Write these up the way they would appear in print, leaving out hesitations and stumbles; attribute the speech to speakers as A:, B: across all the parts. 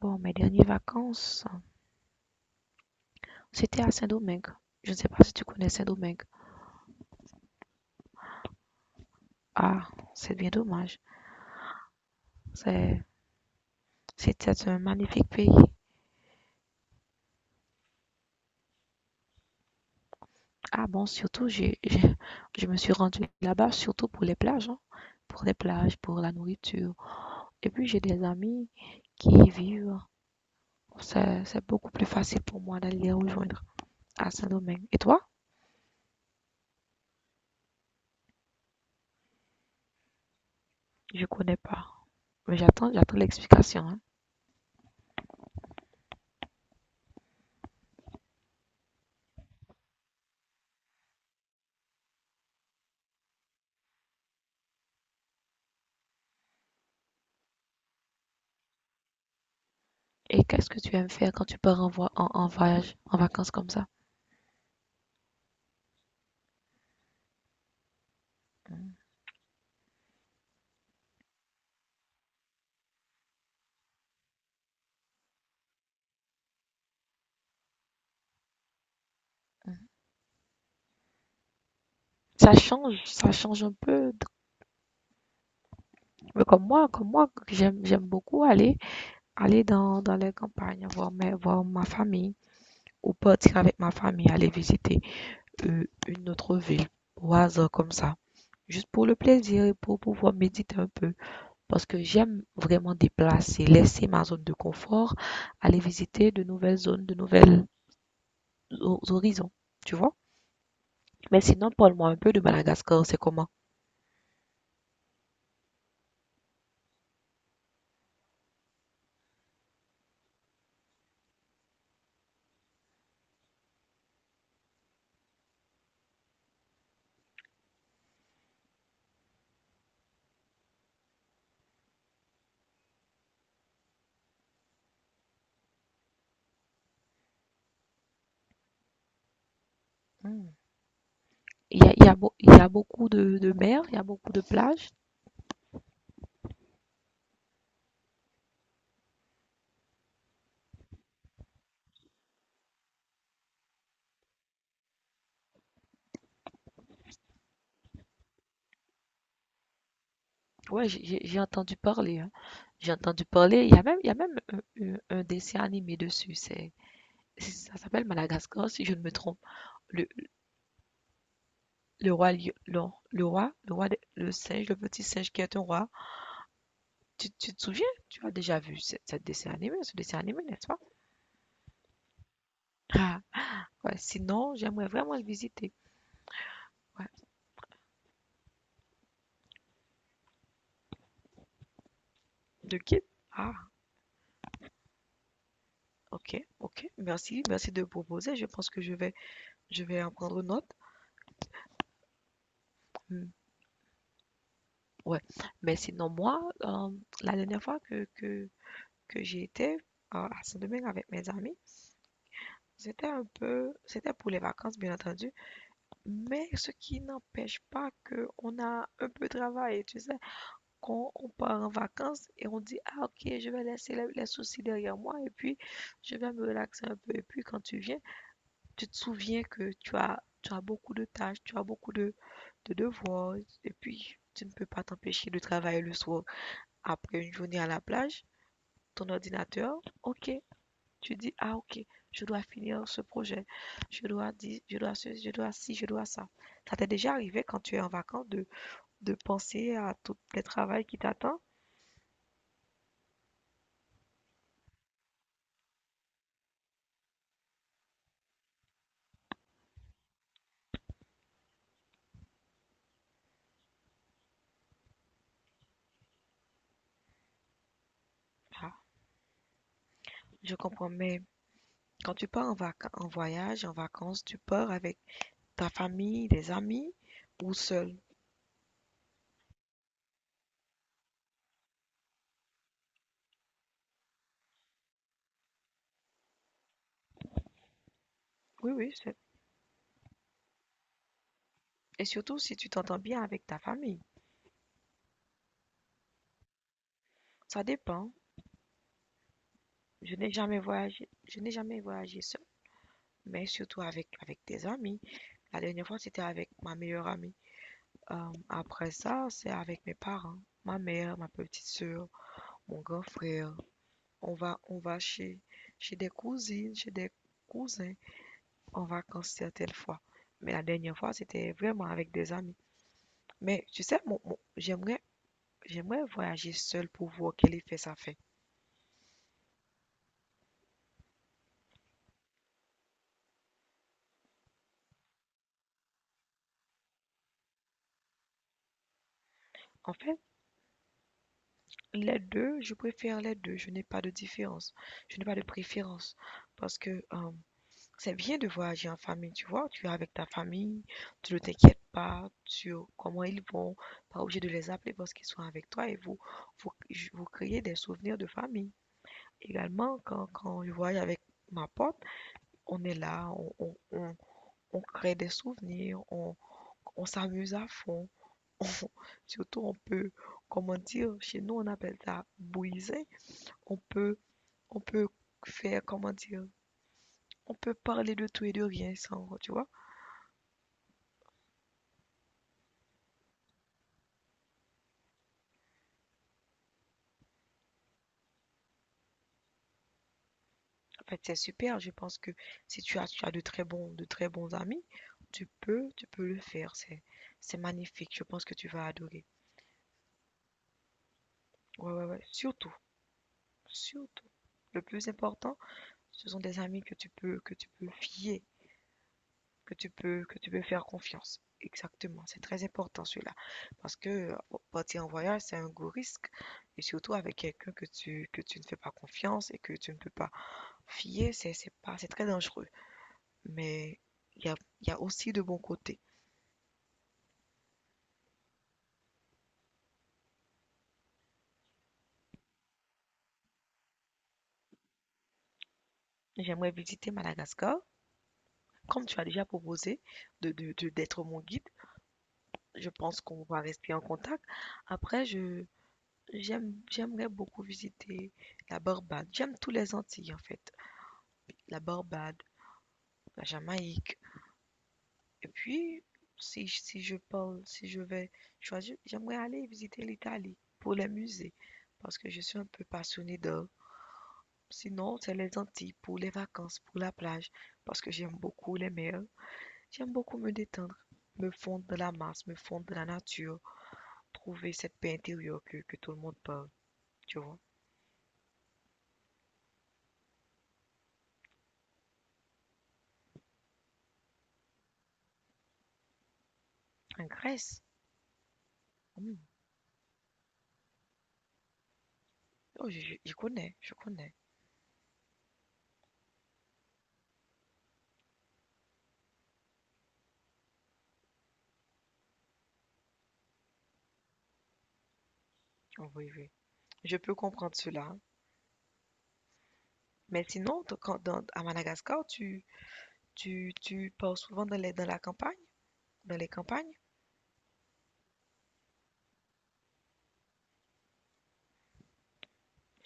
A: Bon, mes dernières vacances, c'était à Saint-Domingue. Je ne sais pas si tu connais Saint-Domingue. Ah, c'est bien dommage. C'est, C'était un magnifique pays. Ah bon, surtout, je me suis rendue là-bas surtout pour les plages, hein. Pour les plages, pour la nourriture. Et puis, j'ai des amis qui y vivent. C'est beaucoup plus facile pour moi d'aller les rejoindre à Saint-Domingue. Et toi? Je connais pas. Mais j'attends l'explication, hein. Et qu'est-ce que tu aimes faire quand tu pars en, en voyage, en vacances comme ça? Ça change un peu. Mais j'aime beaucoup aller dans, dans les campagnes, voir ma famille, ou partir avec ma famille, aller visiter une autre ville, au hasard comme ça, juste pour le plaisir et pour pouvoir méditer un peu. Parce que j'aime vraiment déplacer, laisser ma zone de confort, aller visiter de nouvelles zones, de nouvelles horizons, tu vois. Mais sinon, parle-moi un peu de Madagascar, c'est comment? Hmm. Il y a beaucoup de mer, il y a beaucoup de plages. Ouais, j'ai entendu parler, hein. J'ai entendu parler. Il y a même un, un dessin animé dessus. Ça s'appelle Madagascar, si je ne me trompe. Le, le roi, lion- le, le singe, le petit singe qui est un roi. Tu te souviens? Tu as déjà vu ce dessin animé, n'est-ce pas? Ah, ouais. Sinon, j'aimerais vraiment le visiter. Ouais. De qui? Ah, ok, ok. Merci, merci de proposer. Je pense que je vais en prendre note. Hmm. Ouais, mais sinon, moi, la dernière fois que j'ai été à Saint-Domingue avec mes amis, c'était pour les vacances, bien entendu, mais ce qui n'empêche pas qu'on a un peu de travail, tu sais, quand on part en vacances et on dit, ah ok, je vais laisser les soucis derrière moi et puis je vais me relaxer un peu. Et puis quand tu viens, tu te souviens que tu as beaucoup de tâches, tu as beaucoup de devoirs et puis tu ne peux pas t'empêcher de travailler le soir, après une journée à la plage, ton ordinateur. Ok, tu dis, ah ok, je dois finir ce projet, je dois dire, je dois ceci, je dois ci, je dois ça. Ça t'est déjà arrivé quand tu es en vacances de penser à tout le travail qui t'attend? Ah, je comprends, mais quand tu pars en en voyage, en vacances, tu pars avec ta famille, des amis ou seul? Oui, oui, seul. Et surtout si tu t'entends bien avec ta famille. Ça dépend. Je n'ai jamais voyagé, je n'ai jamais voyagé seul, mais surtout avec, avec tes amis. La dernière fois, c'était avec ma meilleure amie. Après ça, c'est avec mes parents, ma mère, ma petite sœur, mon grand frère. On va chez, chez des cousines, chez des cousins en vacances certaines fois. Mais la dernière fois, c'était vraiment avec des amis. Mais tu sais, j'aimerais voyager seule pour voir quel effet ça fait. En fait, je préfère les deux. Je n'ai pas de différence. Je n'ai pas de préférence parce que c'est bien de voyager en famille, tu vois. Tu es avec ta famille, tu ne t'inquiètes pas sur comment ils vont, pas obligé de les appeler parce qu'ils sont avec toi et vous, vous créez des souvenirs de famille. Également, quand je voyage avec ma pote, on est là, on crée des souvenirs, on s'amuse à fond. On- Surtout, on peut, comment dire, chez nous, on appelle ça bouiser. On peut, on peut faire, comment dire, on peut parler de tout et de rien sans, tu vois. En fait, c'est super. Je pense que si tu as de très bons amis, tu peux le faire. C'est magnifique. Je pense que tu vas adorer. Ouais, ouais, ouais. Surtout, surtout. Le plus important, ce sont des amis que que tu peux fier, que tu peux faire confiance. Exactement. C'est très important celui-là. Parce que partir en voyage, c'est un gros risque. Et surtout avec quelqu'un que tu ne fais pas confiance et que tu ne peux pas fier, c'est pas, c'est très dangereux. Mais il y a, il y a aussi de bons côtés. J'aimerais visiter Madagascar. Comme tu as déjà proposé d'être mon guide, je pense qu'on va rester en contact. Après, j'aimerais beaucoup visiter la Barbade. J'aime tous les Antilles, en fait. La Barbade, la Jamaïque. Et puis, si, si je parle, si je vais choisir, j'aimerais aller visiter l'Italie pour les musées, parce que je suis un peu passionnée d'art. Sinon, c'est les Antilles pour les vacances, pour la plage, parce que j'aime beaucoup les mers, j'aime beaucoup me détendre, me fondre de la masse, me fondre de la nature, trouver cette paix intérieure que tout le monde parle, tu vois. En Grèce, hmm, oh, connais, je connais. Oh, oui, oui. Je peux comprendre cela. Mais sinon, quand, à Madagascar, tu pars souvent dans dans la campagne, dans les campagnes,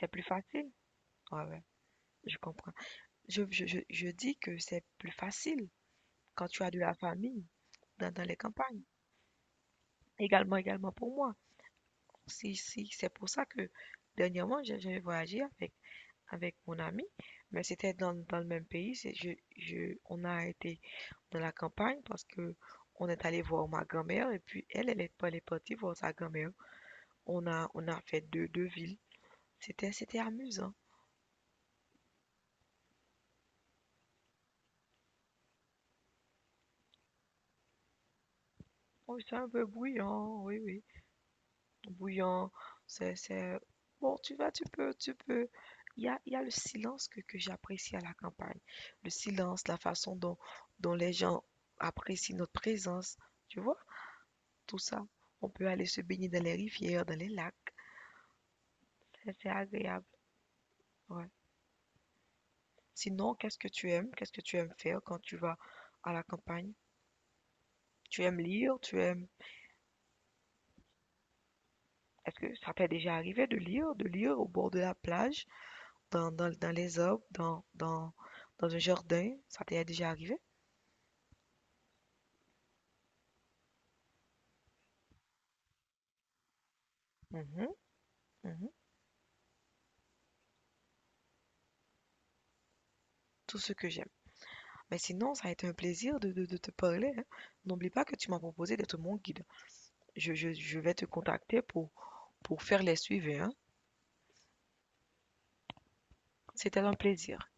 A: c'est plus facile. Ouais, ouais, je comprends. Je dis que c'est plus facile quand tu as de la famille dans, dans les campagnes. Également, également pour moi. Si, si, c'est pour ça que dernièrement, j'ai voyagé avec, avec mon ami, mais c'était dans, dans le même pays. On a été dans la campagne parce que on est allé voir ma grand-mère et puis elle est partie voir sa grand-mère. On a fait deux villes. C'était amusant. Oh, c'est un peu bruyant, oui, oui. Bouillant. C'est... Bon, tu vas, tu peux. Il y a le silence que j'apprécie à la campagne. Le silence, la façon dont les gens apprécient notre présence. Tu vois, tout ça. On peut aller se baigner dans les rivières, dans les lacs. C'est agréable. Ouais. Sinon, qu'est-ce que tu aimes? Qu'est-ce que tu aimes faire quand tu vas à la campagne? Tu aimes lire? Tu aimes... Est-ce que ça t'est déjà arrivé de lire au bord de la plage? Dans les arbres, dans un jardin, ça t'est déjà arrivé? Mhm, mhm. Tout ce que j'aime. Mais sinon, ça a été un plaisir de te parler, hein. N'oublie pas que tu m'as proposé d'être mon guide. Je vais te contacter pour faire les suivis, hein. C'était un plaisir.